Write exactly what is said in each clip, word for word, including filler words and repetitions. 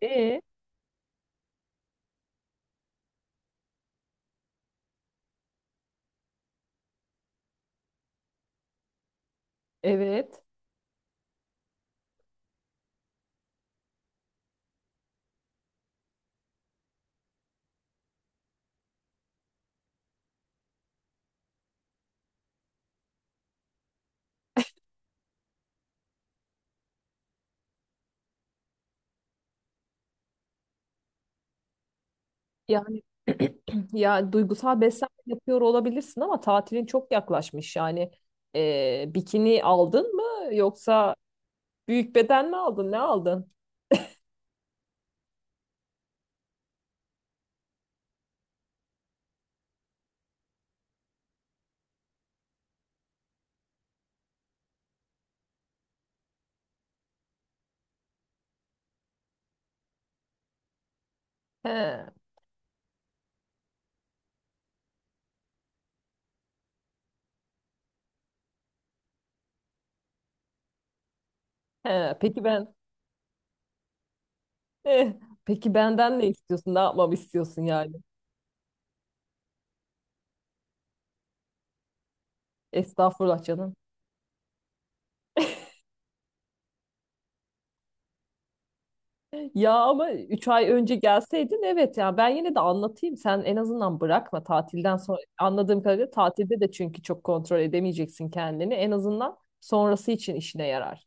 E, evet. Yani ya duygusal beslenme yapıyor olabilirsin ama tatilin çok yaklaşmış. Yani e, bikini aldın mı yoksa büyük beden mi aldın? Ne aldın? He, he. Peki ben eh, peki benden ne istiyorsun? Ne yapmamı istiyorsun yani? Estağfurullah canım. Ya ama üç ay önce gelseydin evet, ya ben yine de anlatayım, sen en azından bırakma tatilden sonra, anladığım kadarıyla tatilde de çünkü çok kontrol edemeyeceksin kendini, en azından sonrası için işine yarar.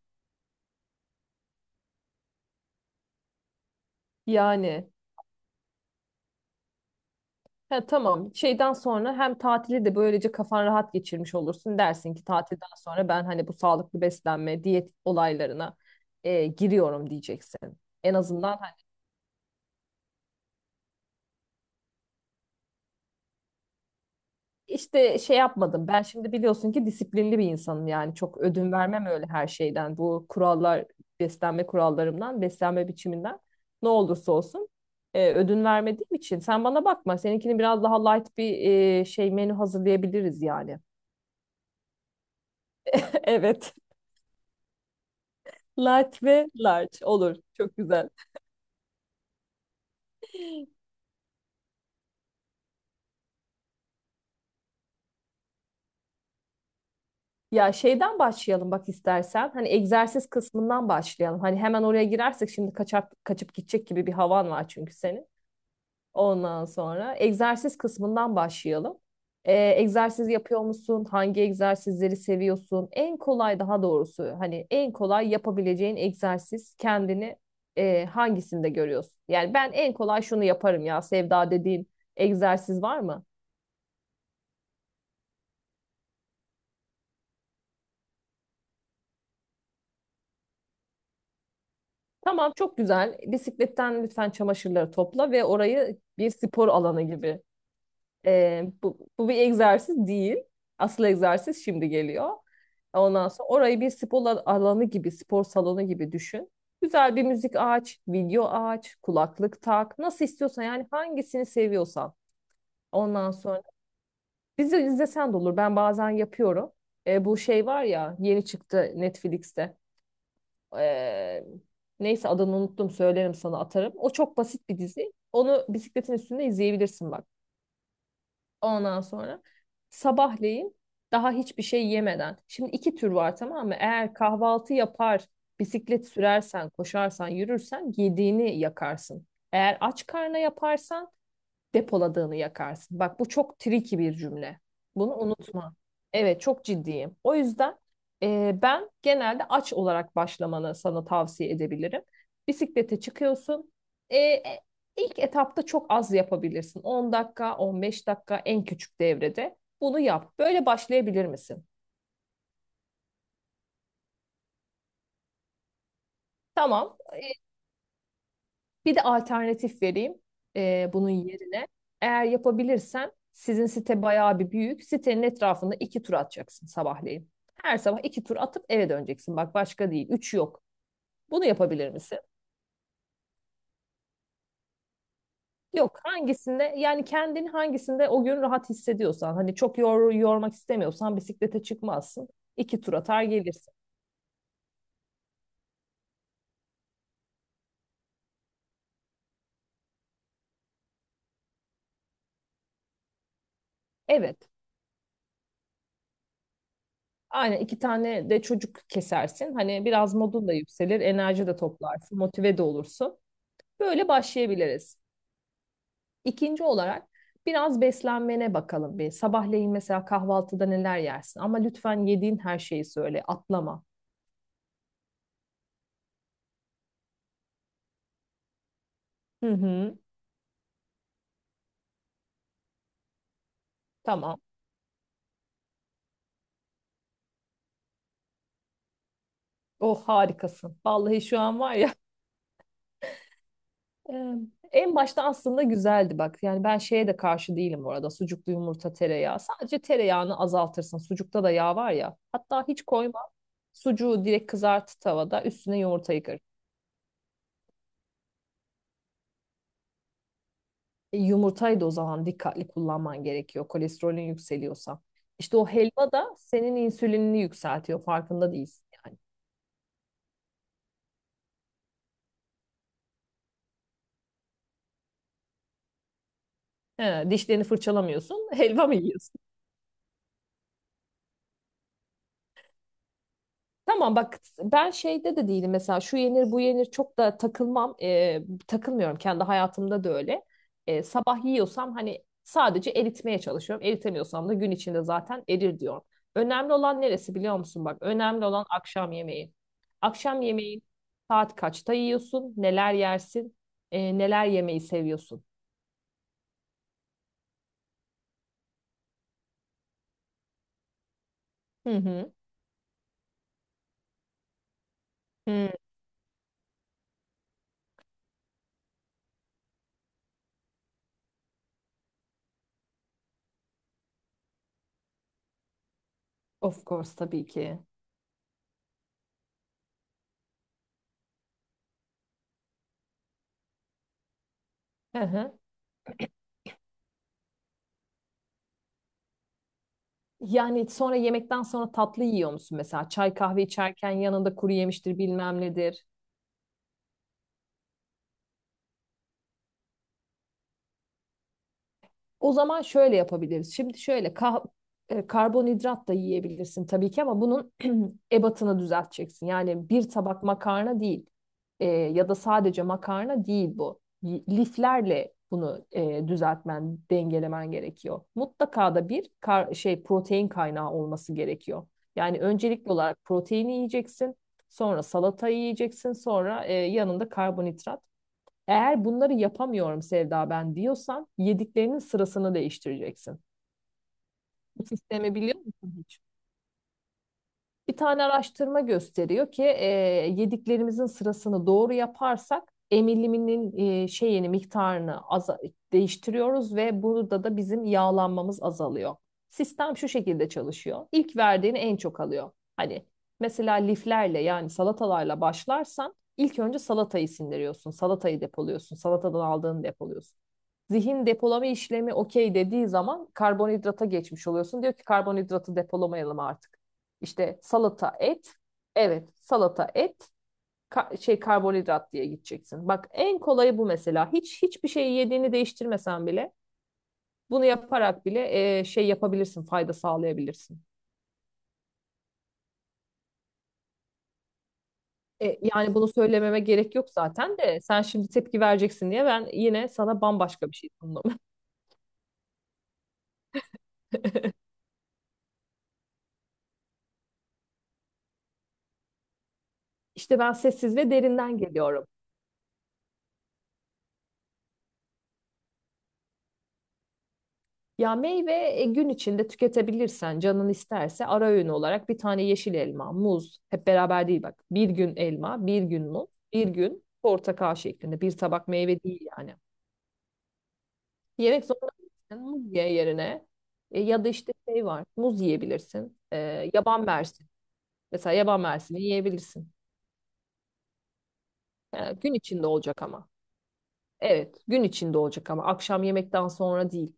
Yani he, tamam, şeyden sonra hem tatili de böylece kafan rahat geçirmiş olursun, dersin ki tatilden sonra ben hani bu sağlıklı beslenme diyet olaylarına e, giriyorum diyeceksin. En azından İşte şey yapmadım. Ben şimdi biliyorsun ki disiplinli bir insanım yani. Çok ödün vermem öyle her şeyden. Bu kurallar, beslenme kurallarımdan, beslenme biçiminden ne olursa olsun e, ödün vermediğim için. Sen bana bakma. Seninkini biraz daha light bir e, şey menü hazırlayabiliriz yani. Evet. Light ve large olur. Çok güzel. Ya şeyden başlayalım bak istersen. Hani egzersiz kısmından başlayalım. Hani hemen oraya girersek şimdi kaçak, kaçıp gidecek gibi bir havan var çünkü senin. Ondan sonra egzersiz kısmından başlayalım. Ee, egzersiz yapıyor musun? Hangi egzersizleri seviyorsun? En kolay, daha doğrusu hani en kolay yapabileceğin egzersiz kendini e, hangisinde görüyorsun? Yani ben en kolay şunu yaparım ya Sevda dediğin egzersiz var mı? Tamam çok güzel. Bisikletten lütfen çamaşırları topla ve orayı bir spor alanı gibi Ee, bu, bu bir egzersiz değil. Asıl egzersiz şimdi geliyor. Ondan sonra orayı bir spor al- alanı gibi, spor salonu gibi düşün. Güzel bir müzik aç, video aç, kulaklık tak. Nasıl istiyorsan yani, hangisini seviyorsan. Ondan sonra dizi izlesen de olur. Ben bazen yapıyorum. Ee, bu şey var ya, yeni çıktı Netflix'te. Ee, Neyse, adını unuttum, söylerim sana, atarım. O çok basit bir dizi. Onu bisikletin üstünde izleyebilirsin bak. Ondan sonra sabahleyin daha hiçbir şey yemeden. Şimdi iki tür var, tamam mı? Eğer kahvaltı yapar, bisiklet sürersen, koşarsan, yürürsen yediğini yakarsın. Eğer aç karna yaparsan depoladığını yakarsın. Bak bu çok tricky bir cümle. Bunu unutma. Evet, çok ciddiyim. O yüzden e, ben genelde aç olarak başlamanı sana tavsiye edebilirim. Bisiklete çıkıyorsun. E, e, ilk etapta çok az yapabilirsin. on dakika, on beş dakika, en küçük devrede. Bunu yap. Böyle başlayabilir misin? Tamam. Bir de alternatif vereyim e, bunun yerine. Eğer yapabilirsen, sizin site bayağı bir büyük. Sitenin etrafında iki tur atacaksın sabahleyin. Her sabah iki tur atıp eve döneceksin. Bak başka değil. Üç yok. Bunu yapabilir misin? Yok. Hangisinde yani kendini, hangisinde o gün rahat hissediyorsan. Hani çok yor, yormak istemiyorsan bisiklete çıkmazsın. İki tur atar gelirsin. Evet. Aynen, iki tane de çocuk kesersin. Hani biraz modun da yükselir, enerji de toplarsın, motive de olursun. Böyle başlayabiliriz. İkinci olarak biraz beslenmene bakalım bir. Sabahleyin mesela kahvaltıda neler yersin? Ama lütfen yediğin her şeyi söyle, atlama. Hı hı. Tamam. Oh harikasın. Vallahi şu an var ya. e, En başta aslında güzeldi bak. Yani ben şeye de karşı değilim bu arada. Sucuklu yumurta, tereyağı. Sadece tereyağını azaltırsın. Sucukta da yağ var ya. Hatta hiç koyma. Sucuğu direkt kızart tavada. Üstüne yumurtayı kır. E, Yumurtayı da o zaman dikkatli kullanman gerekiyor kolesterolün yükseliyorsa. İşte o helva da senin insülinini yükseltiyor, farkında değilsin yani. He, dişlerini fırçalamıyorsun helva mı yiyorsun? Tamam bak, ben şeyde de değilim mesela, şu yenir bu yenir çok da takılmam. Ee, takılmıyorum kendi hayatımda da öyle. Ee, sabah yiyorsam hani sadece eritmeye çalışıyorum. Eritemiyorsam da gün içinde zaten erir diyorum. Önemli olan neresi biliyor musun bak, önemli olan akşam yemeği. Akşam yemeği saat kaçta yiyorsun, neler yersin, e, neler yemeyi seviyorsun. Hı hı. Hı, of course tabii ki. Hı hı. Yani sonra, yemekten sonra tatlı yiyor musun mesela? Çay kahve içerken yanında kuru yemiştir bilmem nedir. O zaman şöyle yapabiliriz. Şimdi şöyle kah e, karbonhidrat da yiyebilirsin tabii ki, ama bunun ebatını düzelteceksin. Yani bir tabak makarna değil. E, ya da sadece makarna değil bu. Y- Liflerle bunu e, düzeltmen, dengelemen gerekiyor. Mutlaka da bir kar şey protein kaynağı olması gerekiyor. Yani öncelikli olarak proteini yiyeceksin, sonra salata yiyeceksin, sonra e, yanında karbonhidrat. Eğer bunları yapamıyorum Sevda ben diyorsan, yediklerinin sırasını değiştireceksin. Bu sistemi biliyor musun hiç? Bir tane araştırma gösteriyor ki e, yediklerimizin sırasını doğru yaparsak emiliminin e, şeyini miktarını aza- değiştiriyoruz ve burada da bizim yağlanmamız azalıyor. Sistem şu şekilde çalışıyor. İlk verdiğini en çok alıyor. Hani mesela liflerle, yani salatalarla başlarsan ilk önce salatayı sindiriyorsun, salatayı depoluyorsun, salatadan aldığını depoluyorsun. Zihin depolama işlemi okey dediği zaman karbonhidrata geçmiş oluyorsun. Diyor ki karbonhidratı depolamayalım artık. İşte salata, et. Evet, salata, et, ka- şey karbonhidrat diye gideceksin. Bak en kolayı bu mesela. Hiç hiçbir şeyi yediğini değiştirmesen bile, bunu yaparak bile e, şey yapabilirsin, fayda sağlayabilirsin. E, yani bunu söylememe gerek yok zaten de, sen şimdi tepki vereceksin diye ben yine sana bambaşka bir şey sundum. İşte ben sessiz ve derinden geliyorum. Ya meyve e, gün içinde tüketebilirsen, canın isterse ara öğün olarak bir tane yeşil elma, muz, hep beraber değil bak. Bir gün elma, bir gün muz, bir gün portakal şeklinde, bir tabak meyve değil yani. Yemek zorunda değilsin, muz ye yerine. E, ya da işte şey var, muz yiyebilirsin. E, yaban mersini mesela, yaban mersini yiyebilirsin. E, gün içinde olacak ama. Evet, gün içinde olacak ama akşam yemekten sonra değil.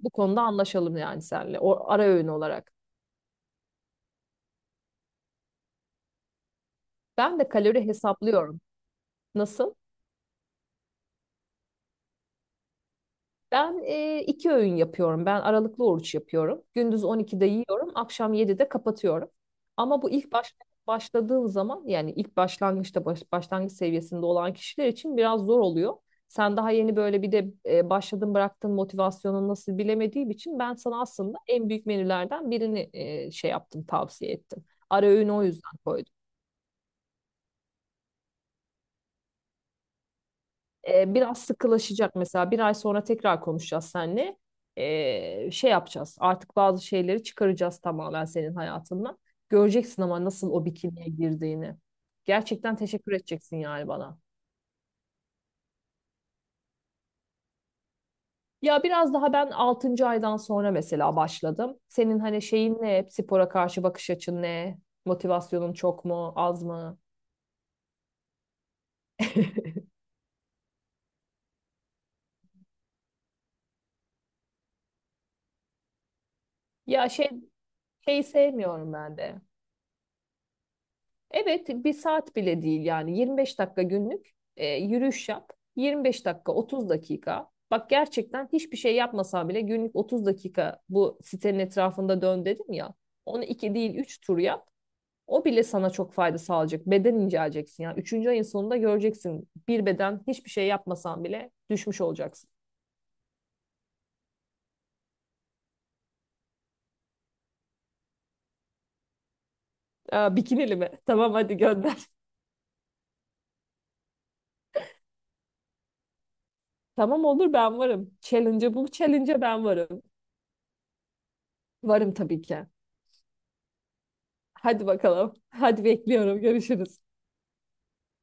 Bu konuda anlaşalım yani seninle, o ara öğün olarak. Ben de kalori hesaplıyorum. Nasıl? Ben e, iki öğün yapıyorum. Ben aralıklı oruç yapıyorum. Gündüz on ikide yiyorum, akşam yedide kapatıyorum. Ama bu ilk baş, başladığım zaman, yani ilk başlangıçta, baş- başlangıç seviyesinde olan kişiler için biraz zor oluyor. Sen daha yeni böyle bir de e, başladın, bıraktın, motivasyonun nasıl bilemediğim için ben sana aslında en büyük menülerden birini e, şey yaptım, tavsiye ettim. Ara öğünü o yüzden koydum. E, biraz sıkılaşacak mesela, bir ay sonra tekrar konuşacağız seninle. E, şey yapacağız, artık bazı şeyleri çıkaracağız tamamen senin hayatından. Göreceksin ama nasıl o bikiniye girdiğini. Gerçekten teşekkür edeceksin yani bana. Ya biraz daha ben altıncı aydan sonra mesela başladım. Senin hani şeyin ne? Spora karşı bakış açın ne? Motivasyonun çok mu, az mı? Ya şey şeyi sevmiyorum ben de. Evet, bir saat bile değil yani, yirmi beş dakika günlük e, yürüyüş yap. yirmi beş dakika, otuz dakika. Bak gerçekten hiçbir şey yapmasan bile, günlük otuz dakika bu sitenin etrafında dön dedim ya. Onu iki değil üç tur yap. O bile sana çok fayda sağlayacak. Beden inceleyeceksin yani. Üçüncü ayın sonunda göreceksin. Bir beden hiçbir şey yapmasan bile düşmüş olacaksın. Aa, bikinili mi? Tamam, hadi gönder. Tamam, olur, ben varım. Challenge'a, bu challenge'a ben varım. Varım tabii ki. Hadi bakalım. Hadi bekliyorum. Görüşürüz.